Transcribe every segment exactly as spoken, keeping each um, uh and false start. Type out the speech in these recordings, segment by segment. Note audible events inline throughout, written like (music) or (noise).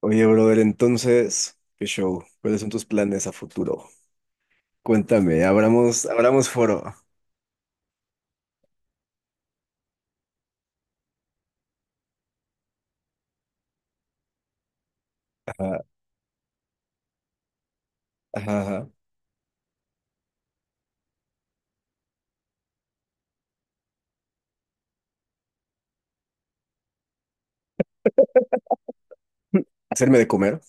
Oye, brother, entonces, ¿qué show? ¿Cuáles son tus planes a futuro? Cuéntame, abramos, abramos foro. Ajá, ajá, ajá. ¿Hacerme de comer?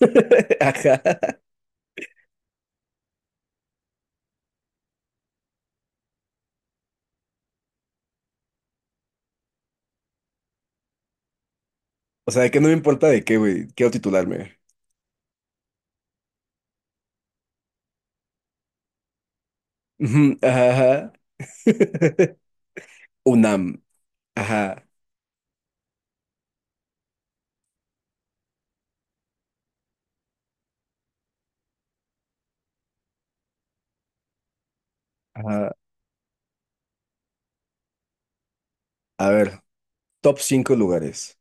(laughs) Ajá. O sea, que no me importa de qué, güey. Quiero titularme. Ujú, Ajá, ajá. (laughs) UNAM. Ajá, ajá. A ver, top cinco lugares.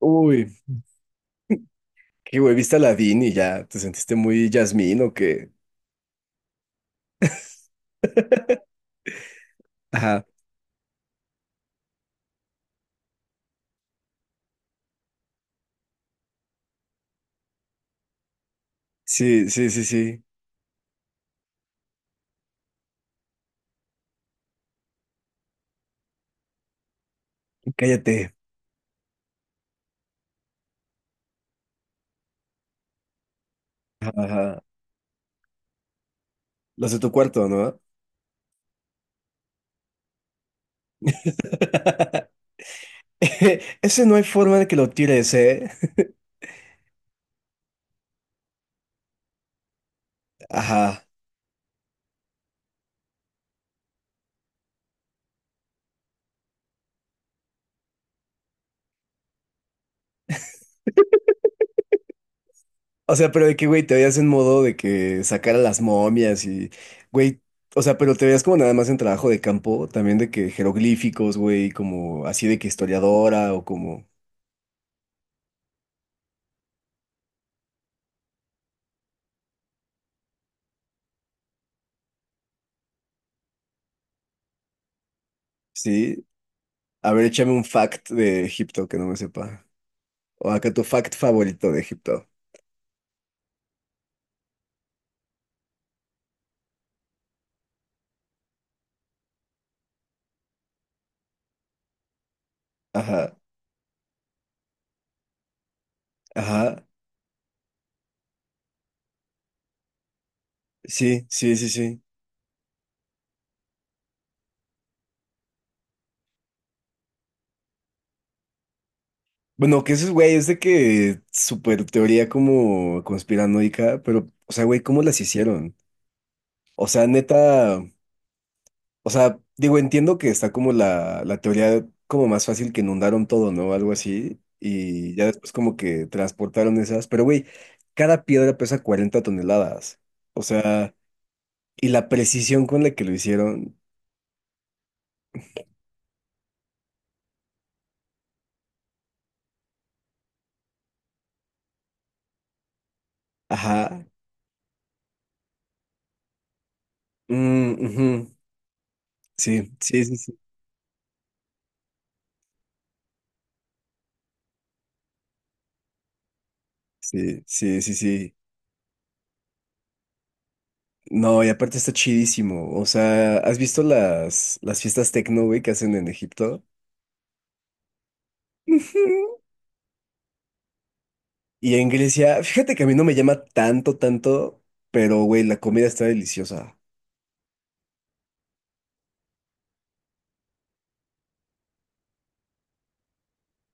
Uy, qué güey, viste a Aladdin y ya te sentiste muy Jasmine o qué. (laughs) Ajá. Sí, sí, sí, sí. Cállate. Ajá, ajá. Los de tu cuarto, ¿no? (laughs) (laughs) Ese no hay forma de que lo tires, ¿eh? (laughs) Ajá. O sea, pero de que, güey, te veías en modo de que sacar a las momias y, güey, o sea, pero te veías como nada más en trabajo de campo, también de que jeroglíficos, güey, como así de que historiadora o como, sí. A ver, échame un fact de Egipto que no me sepa. O acá tu fact favorito de Egipto. Ajá, ajá. Sí, sí, sí, sí. Bueno, que eso es, güey, es de que súper teoría como conspiranoica, pero, o sea, güey, ¿cómo las hicieron? O sea, neta, o sea, digo, entiendo que está como la, la teoría como más fácil que inundaron todo, ¿no? Algo así. Y ya después como que transportaron esas. Pero, güey, cada piedra pesa cuarenta toneladas. O sea, y la precisión con la que lo hicieron. Ajá. Mm, ujú. Sí, sí, sí, sí. Sí, sí, sí, sí. No, y aparte está chidísimo. O sea, ¿has visto las, las fiestas tecno, güey, que hacen en Egipto? (laughs) Y en Grecia, fíjate que a mí no me llama tanto, tanto, pero güey, la comida está deliciosa.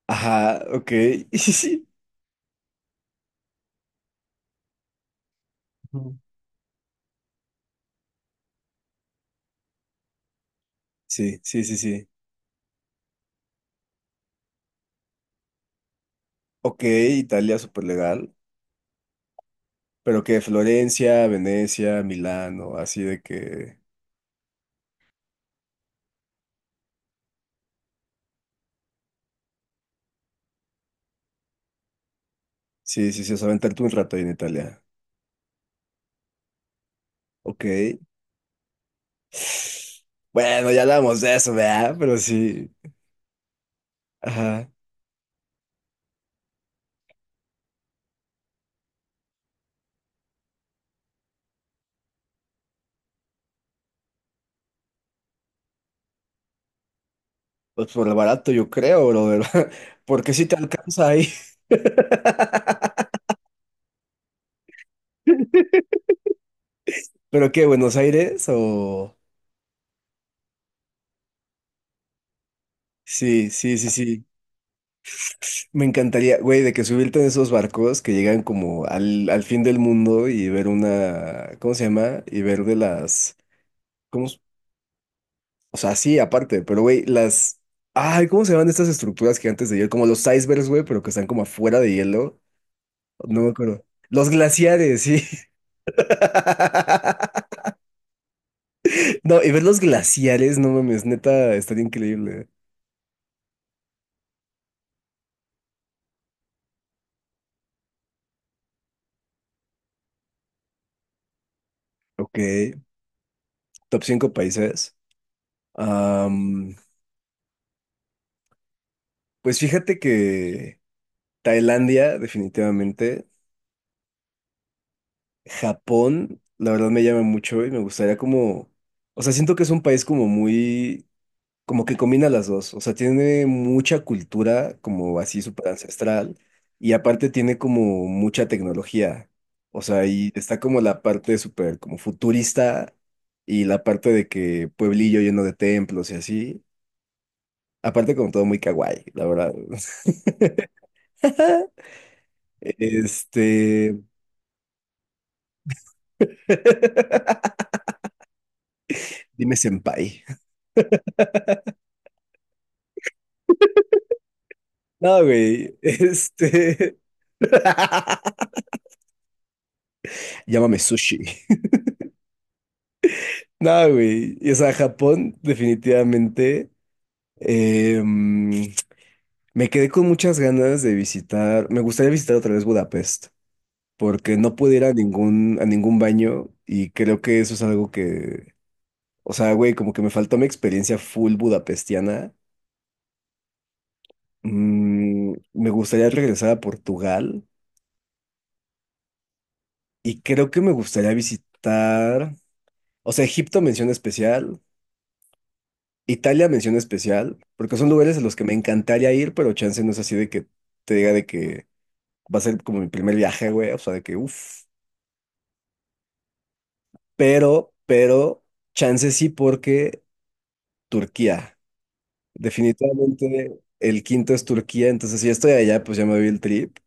Ajá, ok. (laughs) Sí, sí, Ujú. Sí, sí, sí. sí. Ok, Italia, súper legal. Pero que Florencia, Venecia, Milán o así de que. Sí, sí, sí, o sea, aventarte un rato ahí en Italia. Ok. (sighs) Bueno, ya hablamos de eso, ¿verdad? Pero sí. Ajá. Pues por lo barato, yo creo, brother. (laughs) Porque si te alcanza ahí. (laughs) ¿Pero qué, Buenos Aires? O. Sí, sí, sí, sí. Me encantaría, güey, de que subirte en esos barcos que llegan como al, al fin del mundo y ver una, ¿cómo se llama? Y ver de las, ¿cómo? S- O sea, sí, aparte, pero güey, las, ay, ¿cómo se llaman estas estructuras gigantes de hielo? Como los icebergs, güey, pero que están como afuera de hielo. No me acuerdo. Los glaciares, sí. (laughs) No, y ver los glaciares, no mames, neta, estaría increíble. Ok, top cinco países. Am, pues fíjate que Tailandia, definitivamente. Japón, la verdad me llama mucho y me gustaría como, o sea, siento que es un país como muy, como que combina las dos, o sea, tiene mucha cultura como así súper ancestral y aparte tiene como mucha tecnología, o sea, y está como la parte súper como futurista y la parte de que pueblillo lleno de templos y así, aparte como todo muy kawaii, la verdad. (laughs) Este, (laughs) dime senpai. No, güey, este... (laughs) Llámame sushi. No, güey. Y, o sea, Japón, definitivamente. eh, mm, me quedé con muchas ganas de visitar. Me gustaría visitar otra vez Budapest, porque no pude ir a ningún, a ningún baño y creo que eso es algo que. O sea, güey, como que me faltó mi experiencia full budapestiana. Mm, me gustaría regresar a Portugal y creo que me gustaría visitar. O sea, Egipto mención especial. Italia mención especial, porque son lugares a los que me encantaría ir, pero chance no es así de que te diga de que va a ser como mi primer viaje, güey, o sea, de que uff, pero, pero, chance sí porque Turquía, definitivamente el quinto es Turquía, entonces si ya estoy allá, pues ya me doy el trip.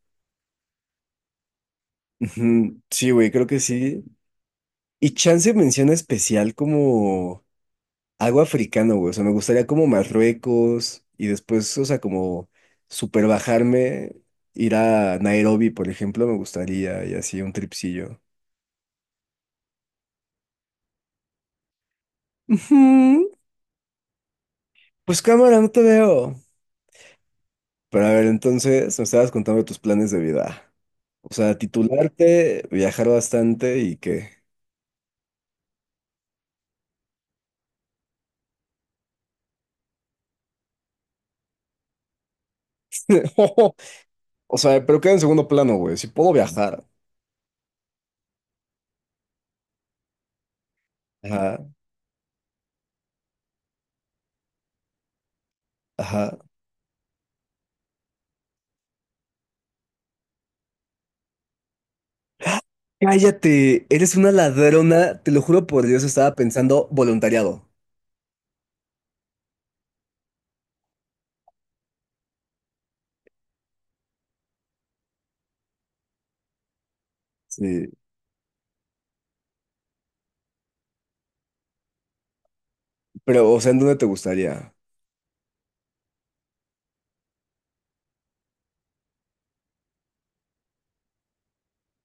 Ujú, sí, güey, creo que sí. Y chance mención especial como... Algo africano, güey. O sea, me gustaría como Marruecos y después, o sea, como super bajarme, ir a Nairobi, por ejemplo, me gustaría y así un tripsillo. Ujú. Pues cámara, no te veo. Pero a ver, entonces me estabas contando tus planes de vida. O sea, titularte, viajar bastante y qué. (laughs) O sea, pero queda en segundo plano, güey. Si puedo viajar. Ajá, ajá. Cállate, eres una ladrona, te lo juro por Dios, estaba pensando voluntariado. Sí. Pero, o sea, ¿en dónde te gustaría?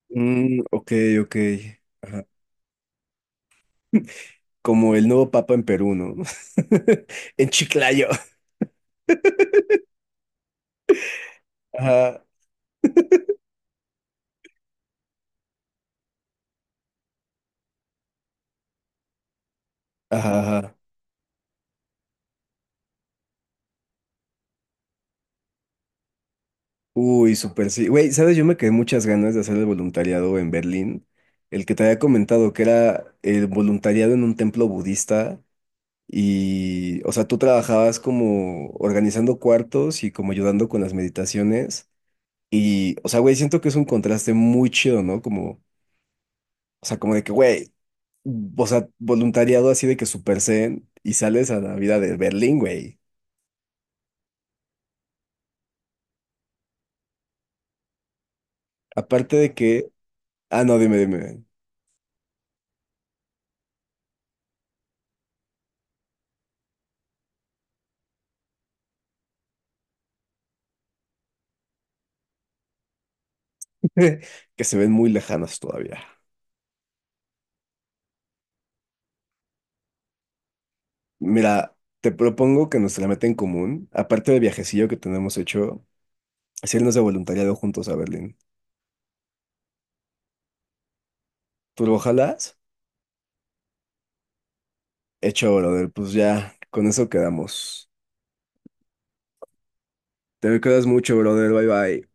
Mm, ok, ok. (laughs) Como el nuevo papa en Perú, ¿no? (laughs) En Chiclayo. Ajá, ajá, ajá. Uy, súper sí. Güey, ¿sabes? Yo me quedé muchas ganas de hacer el voluntariado en Berlín. El que te había comentado que era el voluntariado en un templo budista. Y, o sea, tú trabajabas como organizando cuartos y como ayudando con las meditaciones. Y, o sea, güey, siento que es un contraste muy chido, ¿no? Como o sea, como de que, güey, o sea, voluntariado así de que Super Zen y sales a la vida de Berlín, güey. Aparte de que, ah, no, dime, dime, dime. (laughs) Que se ven muy lejanas todavía. Mira, te propongo que nuestra meta en común, aparte del viajecillo que tenemos hecho, es irnos de voluntariado juntos a Berlín. ¿Tú lo jalas? Hecho, brother, pues ya, con eso quedamos. Te me cuidas mucho, brother, bye bye.